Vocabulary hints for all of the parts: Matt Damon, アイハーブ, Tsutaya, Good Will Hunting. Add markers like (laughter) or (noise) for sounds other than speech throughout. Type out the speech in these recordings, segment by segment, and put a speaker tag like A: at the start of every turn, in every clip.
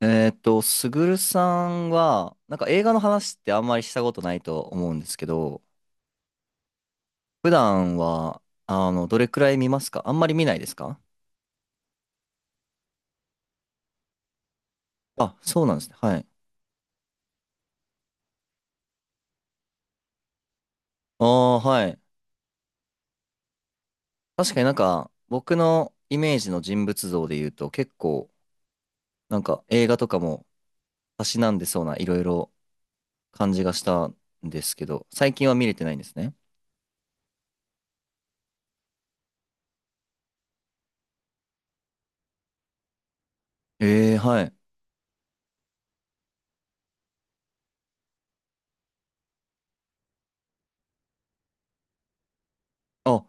A: すぐるさんは、なんか映画の話ってあんまりしたことないと思うんですけど、普段は、どれくらい見ますか？あんまり見ないですか？あ、そうなんですね。はい。ああ、はい。確かになんか、僕のイメージの人物像で言うと、結構、なんか映画とかも、たしなんでそうないろいろ感じがしたんですけど、最近は見れてないんですね。ええ、はい。あ、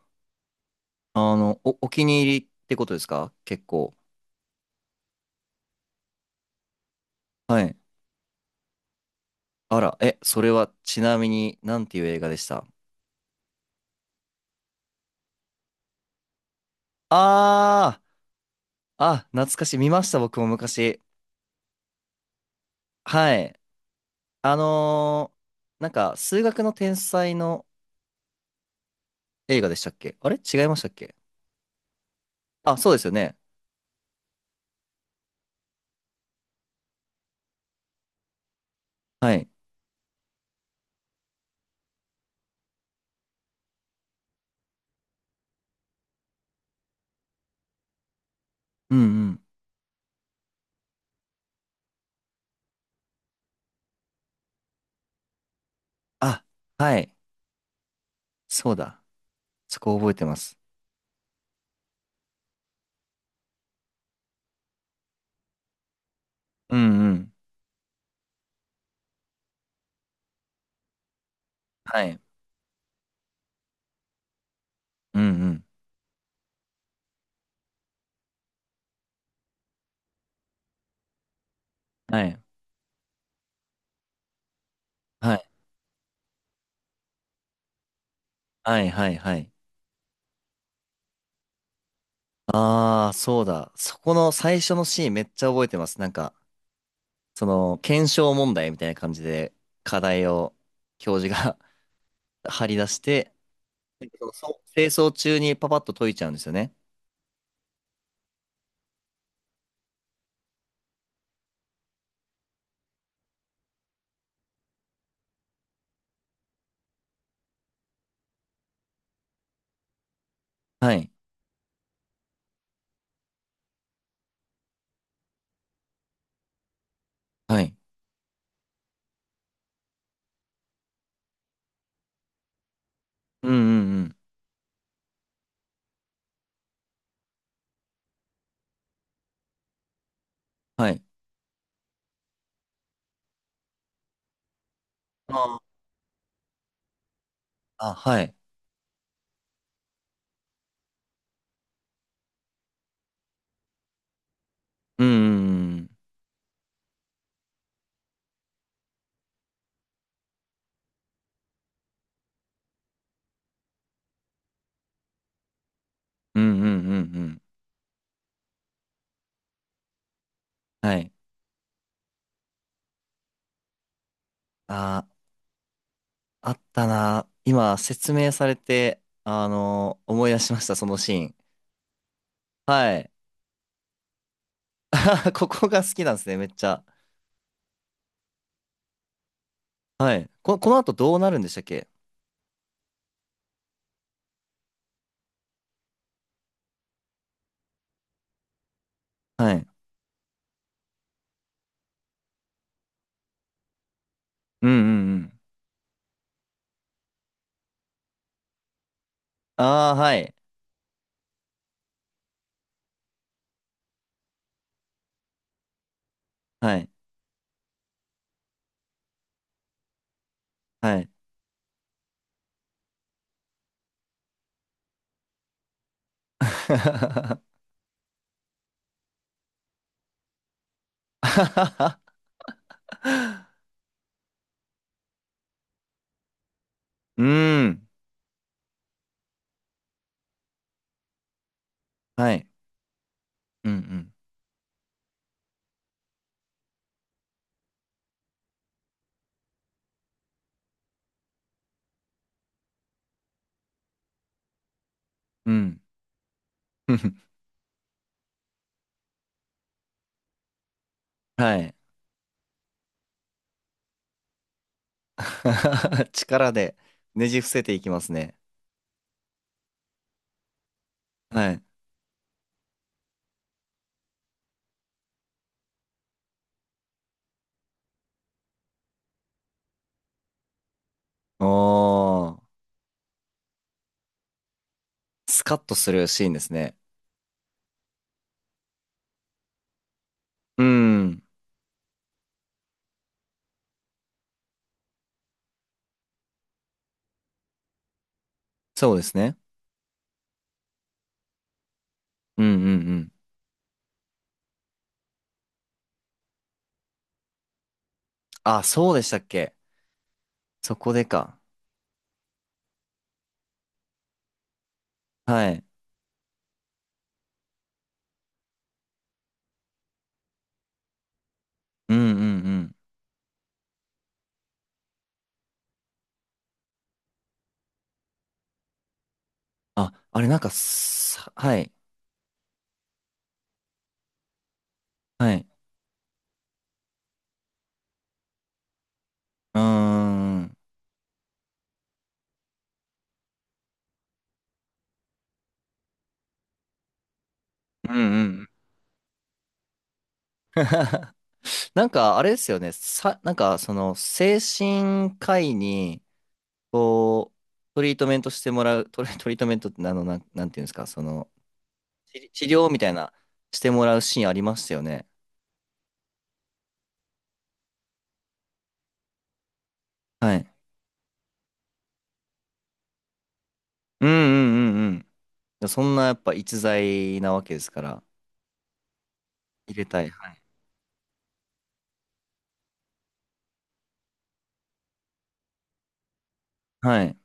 A: お気に入りってことですか？結構。はい。あら、え、それはちなみになんていう映画でした？あー、あ、懐かしい。見ました、僕も昔。はい。あのー、なんか、数学の天才の映画でしたっけ？あれ違いましたっけ？あ、そうですよね。はい。うんうん。あ、はい。そうだ。そこ覚えてます。うんうん。はい。うんうん。はい。はい。はいはいはい。あー、そうだ。そこの最初のシーンめっちゃ覚えてます。なんか、その、検証問題みたいな感じで、課題を教授が (laughs) 張り出して、そう清掃中にパパッと解いちゃうんですよね。はい。はい。うんうんうん。はい。あー。あ、はい。うんうんうん。うんうんうんうん。はい。ああ、あったな。今、説明されて、あのー思い出しました、そのシーン。はい。(laughs) ここが好きなんですね、めっちゃ。はい。こ、この後どうなるんでしたっけ？はい。うんうんうん。ああ、はい。はい。はい。(laughs) うーん。はい。うんうん。うん。(laughs) はい。(laughs) 力でねじ伏せていきますね。はい。おー。スカッとするシーンですね。うーん。そうですね。うんうんうん。あ、そうでしたっけ。そこでか。はい。うんうんうん。あ、あれなんかさ、はい。はい。うーん。うんうん。(laughs) なんか、あれですよね。さ、なんか、その、精神科医に、こう、トリートメントしてもらう、トリ、トリートメントってあの、なんていうんですか、その、治療みたいな、してもらうシーンありましたよね。はい。うんうんうんうん。そんな、やっぱ、逸材なわけですから、入れたい。はい。はい。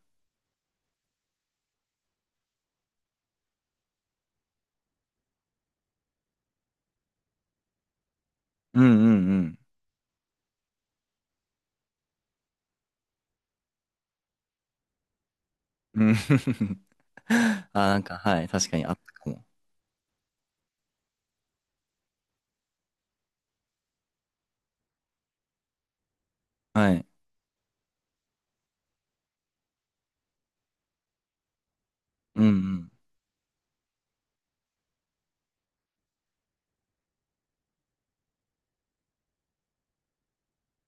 A: うんうんうん。うん。 (laughs) あ、なんか、はい。確かにあったかも。はい。うん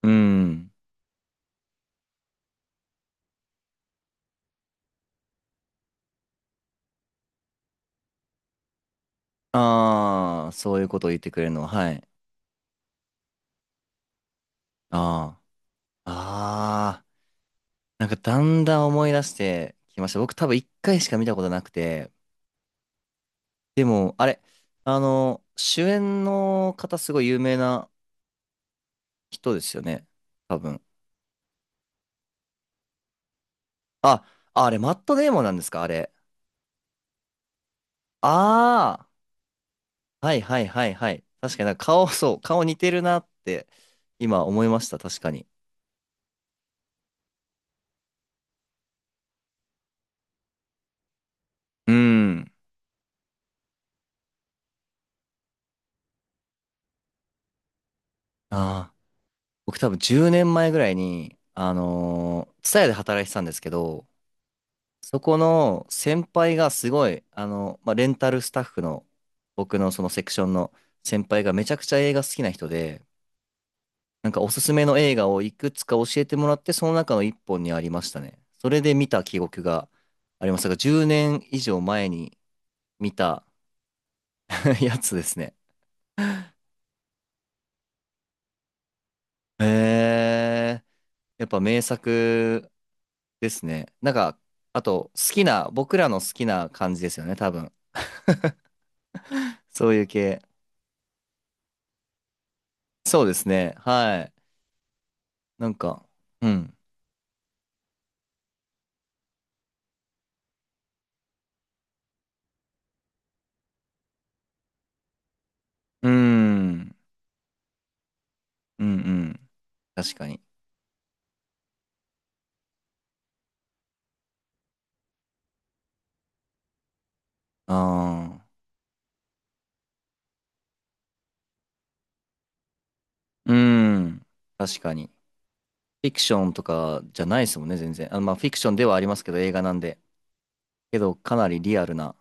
A: うん。うん。ああ、そういうことを言ってくれるのは、はい。ああ。ああ、なんかだんだん思い出してきました。僕多分一回しか見たことなくて、でも、あれ、あの、主演の方すごい有名な人ですよね。多分。あ、あ、あれ、マットデーモンなんですか？あれ。ああ、はいはいはいはい。確かになんか顔、そう、顔似てるなって今思いました。確かに。うん。ああ、僕多分10年前ぐらいに、あのー、ツタヤで働いてたんですけど、そこの先輩がすごい、あの、まあ、レンタルスタッフの僕のそのセクションの先輩がめちゃくちゃ映画好きな人で、なんかおすすめの映画をいくつか教えてもらって、その中の一本にありましたね。それで見た記憶がありますが、10年以上前に見た (laughs) やつですね。へえ、やっぱ名作ですね。なんか、あと好きな、僕らの好きな感じですよね、多分。そういう系。そうですね。はい。なんか、うん。うーん。うんうん。確かに。ああ。うーん。確かに。フィクションとかじゃないですもんね、全然。あ、まあ、フィクションではありますけど、映画なんで。けど、かなりリアルな。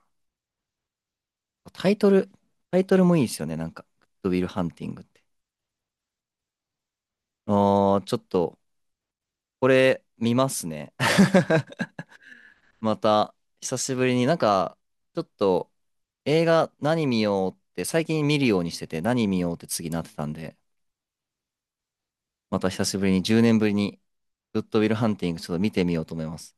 A: タイトル、タイトルもいいですよね、なんか。グッドウィルハンティングって。ああ、ちょっと、これ、見ますね。(laughs) また、久しぶりになんか、ちょっと、映画何見ようって、最近見るようにしてて、何見ようって次なってたんで、また久しぶりに10年ぶりにグッドウィルハンティングちょっと見てみようと思います。